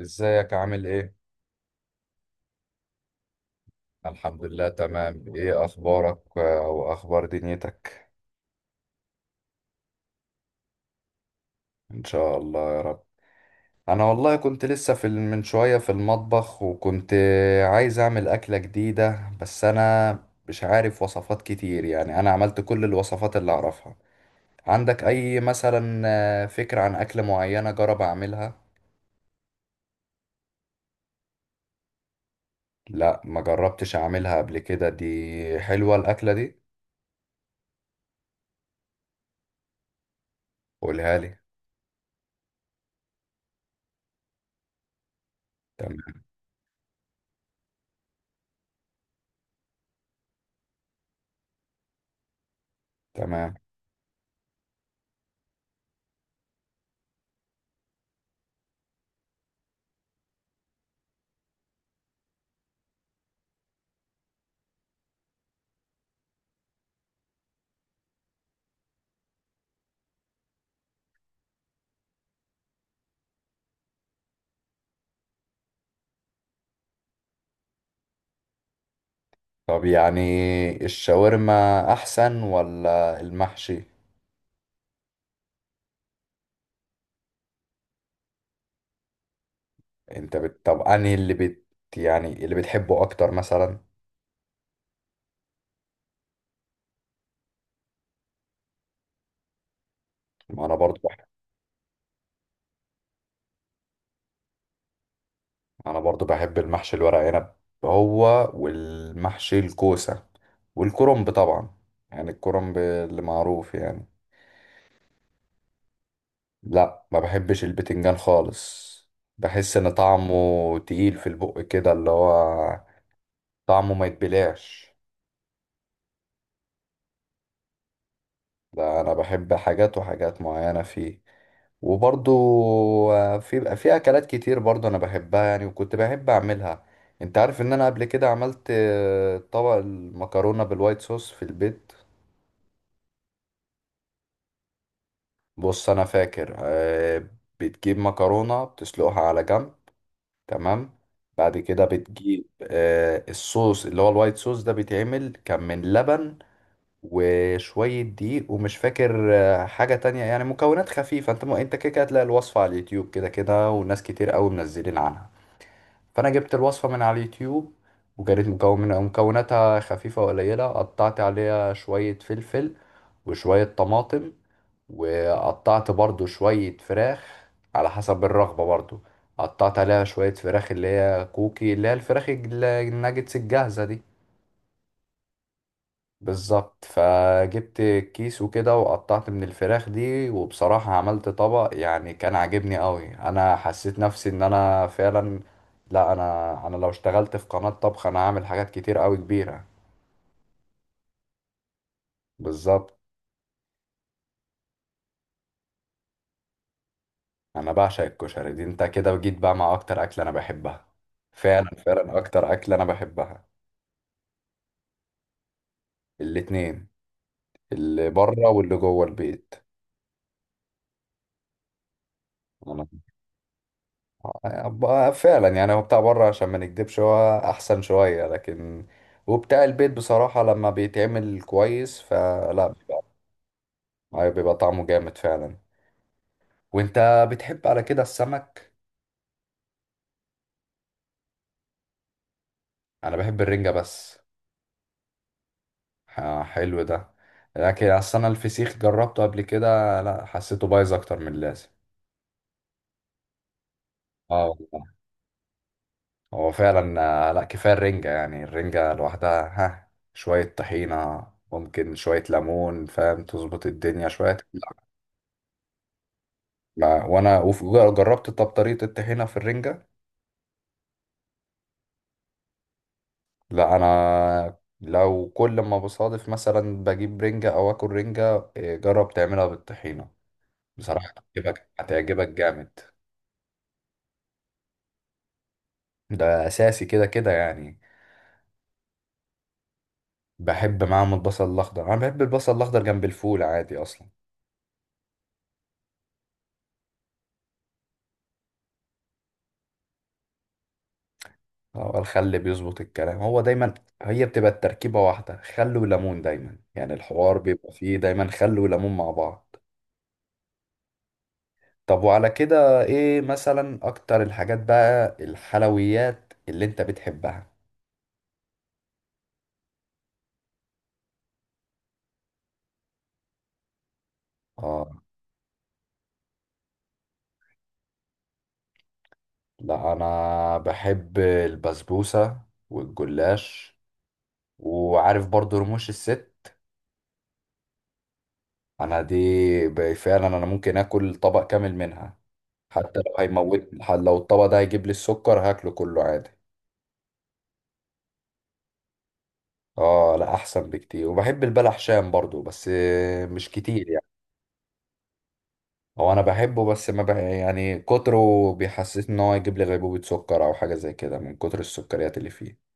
ازيك عامل ايه؟ الحمد لله تمام. ايه اخبارك، واخبار دنيتك؟ ان شاء الله يا رب. انا والله كنت لسه من شوية في المطبخ، وكنت عايز اعمل اكلة جديدة، بس انا مش عارف وصفات كتير، يعني انا عملت كل الوصفات اللي اعرفها. عندك اي مثلا فكرة عن اكلة معينة جرب اعملها؟ لا، ما جربتش اعملها قبل كده. دي حلوة الاكلة دي. قولها لي. تمام. تمام. طب يعني الشاورما احسن ولا المحشي؟ طب انهي اللي بت، يعني اللي بتحبه اكتر مثلا؟ ما انا برضو بحب. انا برضو بحب المحشي الورق عنب، هو والمحشي الكوسة والكرنب طبعا، يعني الكرنب اللي معروف يعني. لا، ما بحبش البتنجان خالص. بحس ان طعمه تقيل في البق كده، اللي هو طعمه ما يتبلعش. ده انا بحب حاجات وحاجات معينة فيه. وبرضو في بقى في اكلات كتير برضو انا بحبها يعني، وكنت بحب اعملها. انت عارف ان انا قبل كده عملت طبق المكرونة بالوايت صوص في البيت. بص، انا فاكر بتجيب مكرونة بتسلقها على جنب. تمام. بعد كده بتجيب الصوص اللي هو الوايت صوص ده، بيتعمل كان من لبن وشوية دقيق، ومش فاكر حاجة تانية يعني. مكونات خفيفة. انت كده كده هتلاقي الوصفة على اليوتيوب كده كده، وناس كتير قوي منزلين عنها. فانا جبت الوصفة من على اليوتيوب، وكانت مكوناتها خفيفة وقليلة. قطعت عليها شوية فلفل وشوية طماطم، وقطعت برضو شوية فراخ على حسب الرغبة برضو. قطعت عليها شوية فراخ اللي هي كوكي، اللي هي الفراخ الناجتس الجاهزة دي. بالظبط. فجبت كيس وكده، وقطعت من الفراخ دي، وبصراحة عملت طبق يعني كان عاجبني قوي. انا حسيت نفسي ان انا فعلا، لا، انا لو اشتغلت في قناة طبخ انا هعمل حاجات كتير قوي كبيرة. بالظبط. انا بعشق الكشري. دي انت كده وجيت بقى مع اكتر اكلة انا بحبها. فعلا، فعلا اكتر اكلة انا بحبها. الاتنين، اللي بره واللي جوه البيت. فعلا يعني، هو بتاع بره عشان ما نكدبش هو احسن شوية، لكن وبتاع البيت بصراحة لما بيتعمل كويس فلا بيبقى. أيوة، بيبقى طعمه جامد فعلا. وانت بتحب على كده السمك؟ انا بحب الرنجة بس. حلو ده. لكن اصل انا الفسيخ جربته قبل كده، لا، حسيته بايظ اكتر من اللازم. اه والله. هو فعلا. لا، كفاية الرنجة يعني، الرنجة لوحدها، ها، شوية طحينة، ممكن شوية ليمون، فاهم، تظبط الدنيا شوية. ما وانا. وجربت طب طريقة الطحينة في الرنجة؟ لا، انا لو كل ما بصادف مثلا بجيب رنجة او اكل رنجة جرب تعملها بالطحينة، بصراحة هتعجبك، هتعجبك جامد. ده اساسي كده كده يعني. بحب معاهم البصل الاخضر. انا بحب البصل الاخضر جنب الفول عادي اصلا. هو الخل بيظبط الكلام هو دايما. هي بتبقى التركيبة واحدة، خل وليمون دايما، يعني الحوار بيبقى فيه دايما خل وليمون مع بعض. طب وعلى كده ايه مثلا اكتر الحاجات بقى الحلويات اللي انت بتحبها؟ اه. لا انا بحب البسبوسة والجلاش، وعارف برضو رموش الست. انا دي، فعلا انا ممكن اكل طبق كامل منها. حتى لو هيموتني، لو الطبق ده هيجيب لي السكر هاكله كله عادي. اه لا، احسن بكتير. وبحب البلح شام برضو، بس مش كتير. هو انا بحبه، بس ما بح... يعني كتره بيحسسني ان هو يجيب لي غيبوبة سكر او حاجة زي كده من كتر السكريات اللي فيه.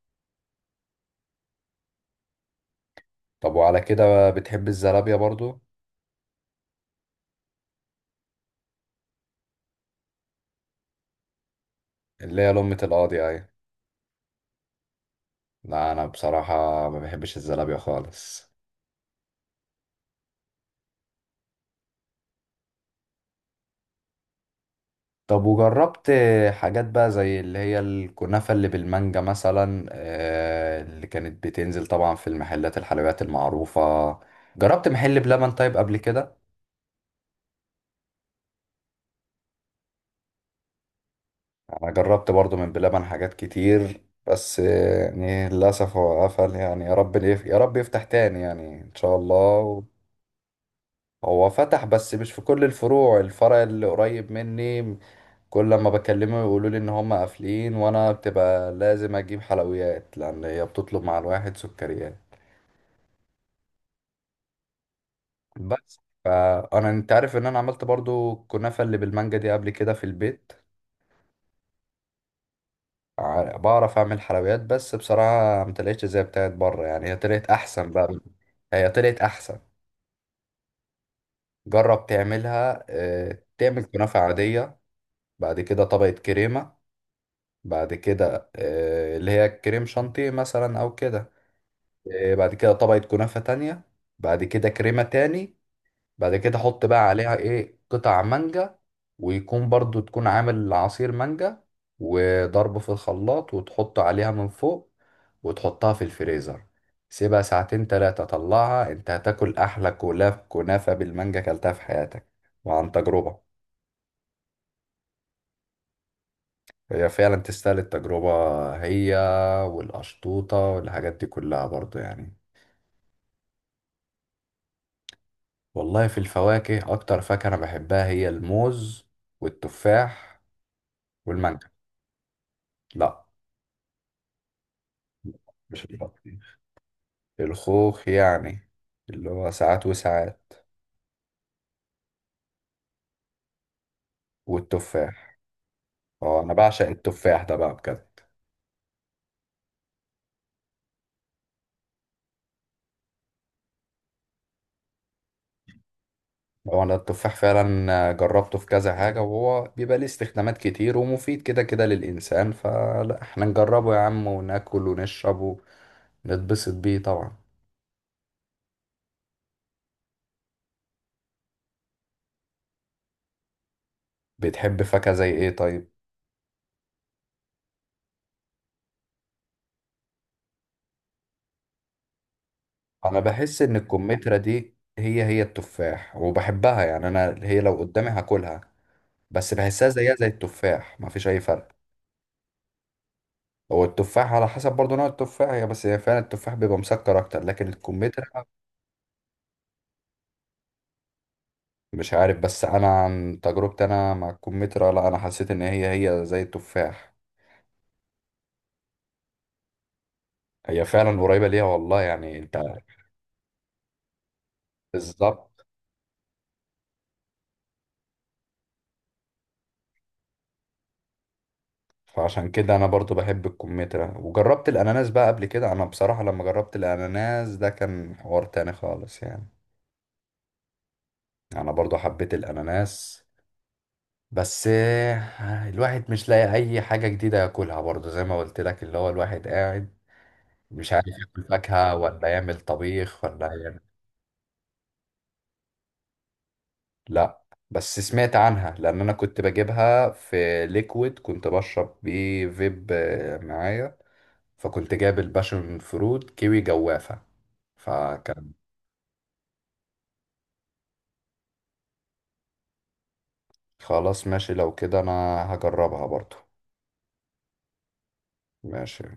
طب وعلى كده بقى بتحب الزلابية برضو؟ اللي هي لمة القاضي اهي. لا انا بصراحة ما بحبش الزلابية خالص. طب وجربت حاجات بقى زي اللي هي الكنافة اللي بالمانجا مثلا، اللي كانت بتنزل طبعا في المحلات الحلويات المعروفة؟ جربت محل بلبن طيب قبل كده؟ انا جربت برضو من بلبن حاجات كتير، بس يعني للاسف هو قفل. يعني يا رب يا رب يفتح تاني يعني ان شاء الله. هو فتح بس مش في كل الفروع. الفرع اللي قريب مني كل لما بكلمه يقولوا لي ان هم قافلين، وانا بتبقى لازم اجيب حلويات لان هي بتطلب مع الواحد سكريات بس. فانا، انت عارف ان انا عملت برضو الكنافة اللي بالمانجا دي قبل كده في البيت. بعرف اعمل حلويات، بس بصراحة ما طلعتش زي بتاعت بره، يعني هي طلعت احسن بقى. هي طلعت احسن. جرب تعملها، تعمل كنافة عادية، بعد كده طبقة كريمة، بعد كده اللي هي كريم شانتيه مثلا او كده، بعد كده طبقة كنافة تانية، بعد كده كريمة تاني، بعد كده حط بقى عليها ايه قطع مانجا، ويكون برضو تكون عامل عصير مانجا وضربه في الخلاط وتحط عليها من فوق، وتحطها في الفريزر، سيبها ساعتين تلاتة، طلعها. انت هتاكل احلى كولاف كنافة بالمانجا كلتها في حياتك، وعن تجربة. هي فعلا تستاهل التجربة هي، والقشطوطة والحاجات دي كلها برضو يعني. والله في الفواكه اكتر فاكهة انا بحبها هي الموز والتفاح والمانجا. لا. مش الخوخ يعني، اللي هو ساعات وساعات. والتفاح، اه انا بعشق التفاح ده بقى بجد. هو انا التفاح فعلا جربته في كذا حاجة، وهو بيبقى ليه استخدامات كتير ومفيد كده كده للإنسان، فلا احنا نجربه يا عم، وناكل ونشرب ونتبسط بيه طبعا. بتحب فاكهة زي ايه طيب؟ انا بحس ان الكمثرى دي هي هي التفاح، وبحبها يعني، انا هي لو قدامي هاكلها، بس بحسها زيها زي التفاح، مفيش اي فرق. هو التفاح على حسب برضه نوع التفاح هي، بس هي فعلا التفاح بيبقى مسكر اكتر لكن الكمثرى، مش عارف، بس انا عن تجربتي انا مع الكمثرى، لا انا حسيت ان هي هي زي التفاح. هي فعلا قريبة ليها والله يعني انت. بالظبط. فعشان كده انا برضو بحب الكمثرى. وجربت الاناناس بقى قبل كده؟ انا بصراحة لما جربت الاناناس ده كان حوار تاني خالص يعني. انا برضو حبيت الاناناس. بس الواحد مش لاقي اي حاجة جديدة ياكلها برضو، زي ما قلت لك، اللي هو الواحد قاعد مش عارف ياكل فاكهة ولا يعمل طبيخ ولا يعمل. لا، بس سمعت عنها، لأن أنا كنت بجيبها في ليكويد كنت بشرب بيه فيب معايا، فكنت جايب الباشن فروت كيوي جوافة، فكان. خلاص ماشي. لو كده أنا هجربها برضو. ماشي.